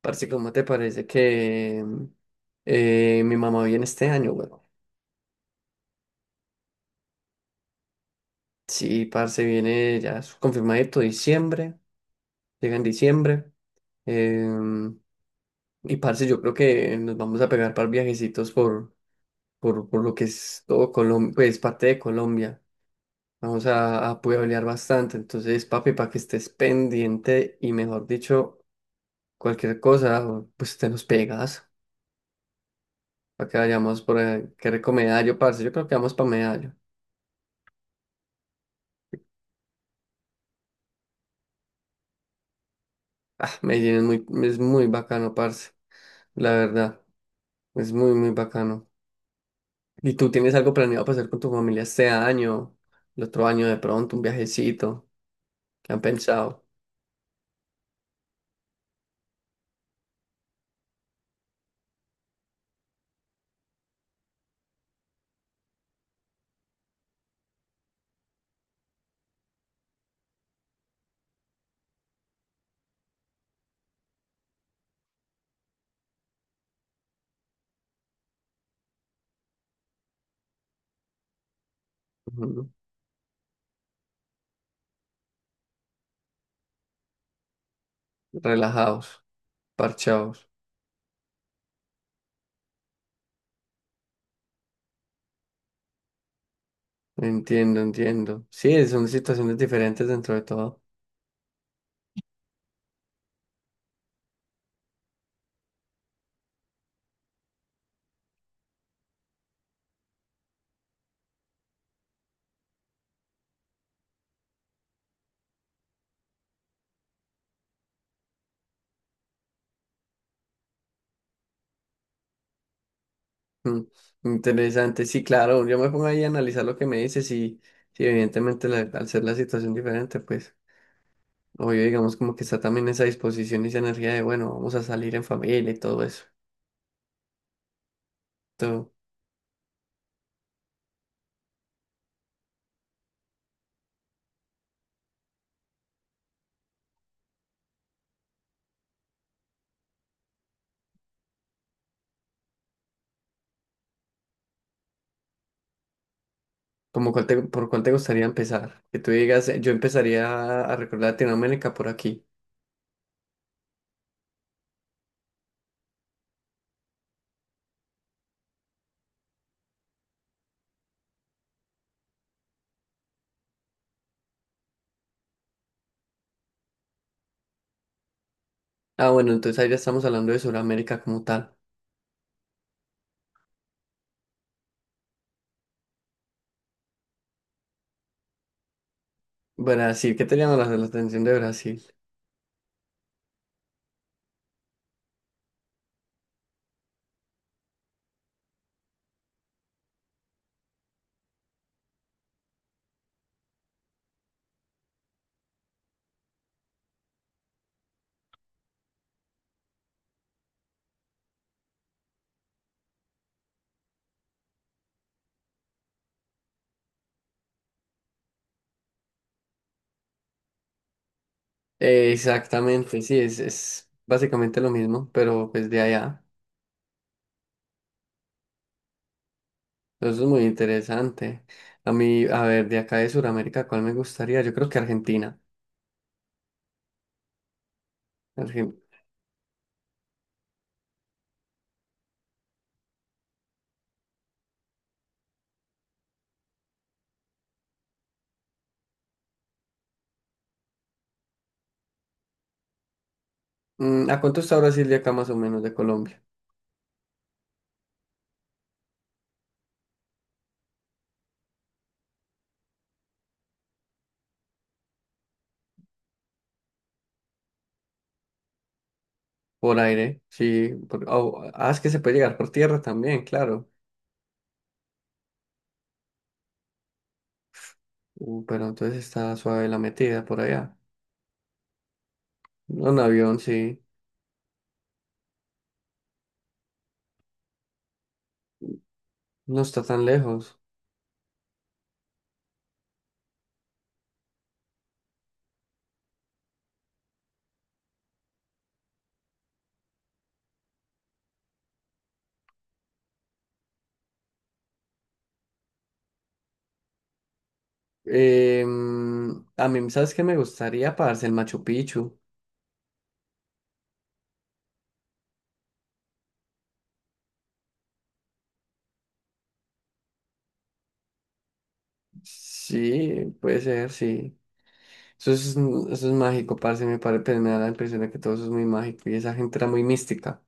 Parce, ¿cómo te parece que mi mamá viene este año, güey? Sí, parce, viene ya es confirmadito diciembre, llega en diciembre. em, y parce, yo creo que nos vamos a pegar para viajecitos por lo que es todo Colombia, pues parte de Colombia. Vamos a pueblear bastante. Entonces, papi, para que estés pendiente y mejor dicho, cualquier cosa, pues te nos pegas. Para que vayamos por qué recomendario, parce. Yo creo que vamos para Medallo. Ah, Medellín es muy bacano, parce, la verdad. Es muy bacano. ¿Y tú tienes algo planeado para hacer con tu familia este año, el otro año de pronto, un viajecito? ¿Qué han pensado? Ujú. Relajados, parchados. Entiendo, entiendo. Sí, son situaciones diferentes dentro de todo. Mm, interesante, sí, claro. Yo me pongo ahí a analizar lo que me dices y, sí, evidentemente al ser la situación diferente, pues. Obvio, digamos como que está también esa disposición y esa energía de, bueno, vamos a salir en familia y todo eso. Tú, ¿Como cuál por cuál te gustaría empezar? Que tú digas, yo empezaría a recordar Latinoamérica por aquí. Ah, bueno, entonces ahí ya estamos hablando de Sudamérica como tal. Brasil, ¿qué te llama la atención de Brasil? Exactamente, sí, es básicamente lo mismo, pero pues de allá. Eso es muy interesante. A mí, a ver, de acá de Sudamérica, ¿cuál me gustaría? Yo creo que Argentina. Argen- Mm, ¿a cuánto está Brasil de acá más o menos de Colombia? Por aire, sí. Es que se puede llegar por tierra también, claro. Pero entonces está suave la metida por allá. Un avión, sí. No está tan lejos. Em, a mí, ¿sabes qué me gustaría? Parce, el Machu Picchu. Sí, puede ser, sí. Eso es mágico, parce. Pues, me da la impresión de que todo eso es muy mágico. Y esa gente era muy mística.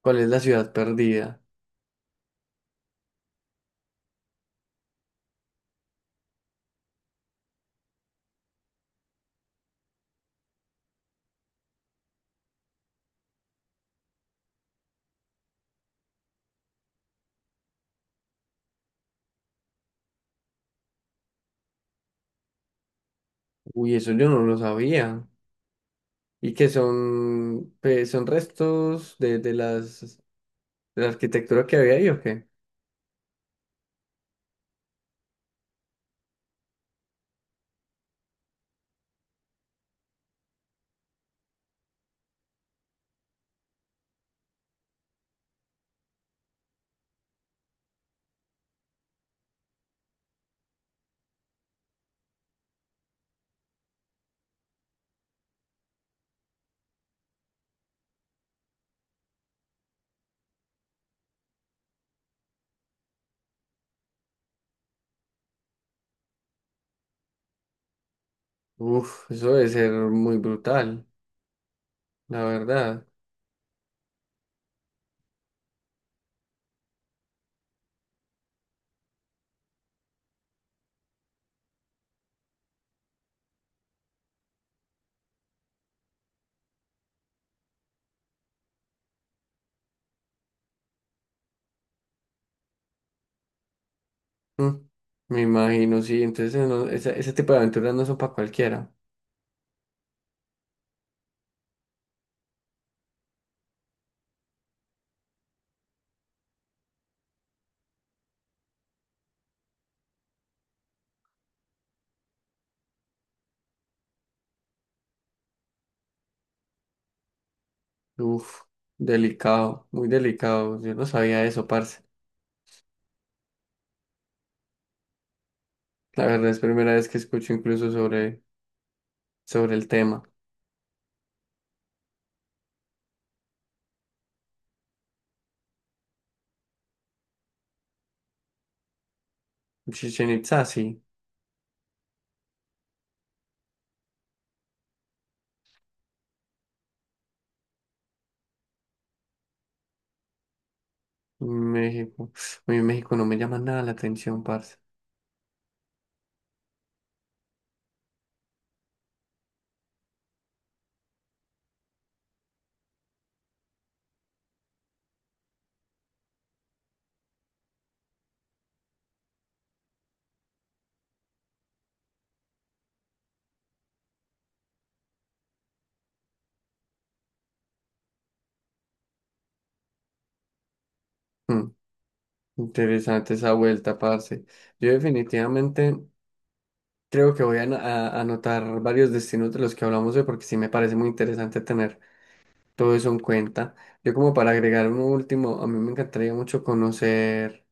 ¿Cuál es la ciudad perdida? Uy, eso yo no lo sabía. Y que son, pues, son restos de las. ¿La arquitectura que había ahí o qué? Uf, eso debe ser muy brutal, la verdad. Mm, me imagino, sí. Entonces, ese tipo de aventuras no son para cualquiera. Uf, delicado, muy delicado. Yo no sabía eso, parce. La verdad es primera vez que escucho incluso sobre, sobre el tema. Chichen Itzá, sí. México. Uy, México no me llama nada la atención, parce. Mm, interesante esa vuelta, parce. Yo definitivamente. Creo que voy a anotar varios destinos de los que hablamos hoy porque sí me parece muy interesante tener todo eso en cuenta. Yo como para agregar un último, a mí me encantaría mucho conocer,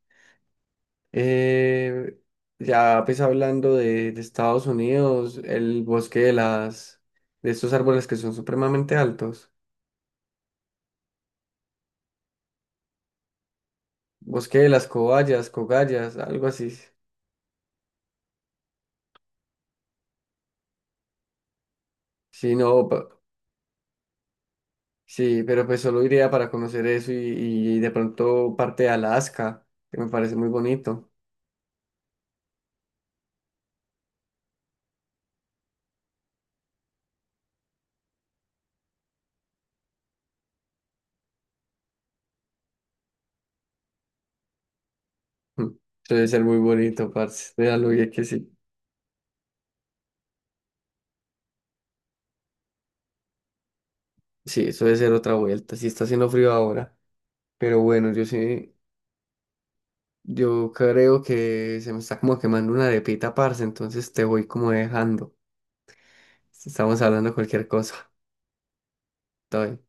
eh, ya pues hablando de Estados Unidos, el bosque de las, de estos árboles que son supremamente altos, bosque de las cobayas, cogallas, algo así. Sí, no, sí, pero pues solo iría para conocer eso y de pronto parte de Alaska, que me parece muy bonito. Mm. Debe ser muy bonito, parce. Déjalo bien que sí. Sí, eso debe ser otra vuelta. Sí está haciendo frío ahora. Pero bueno, yo sí, yo creo que se me está como quemando una arepita, parce. Entonces te voy como dejando. Estamos hablando de cualquier cosa. Todo bien.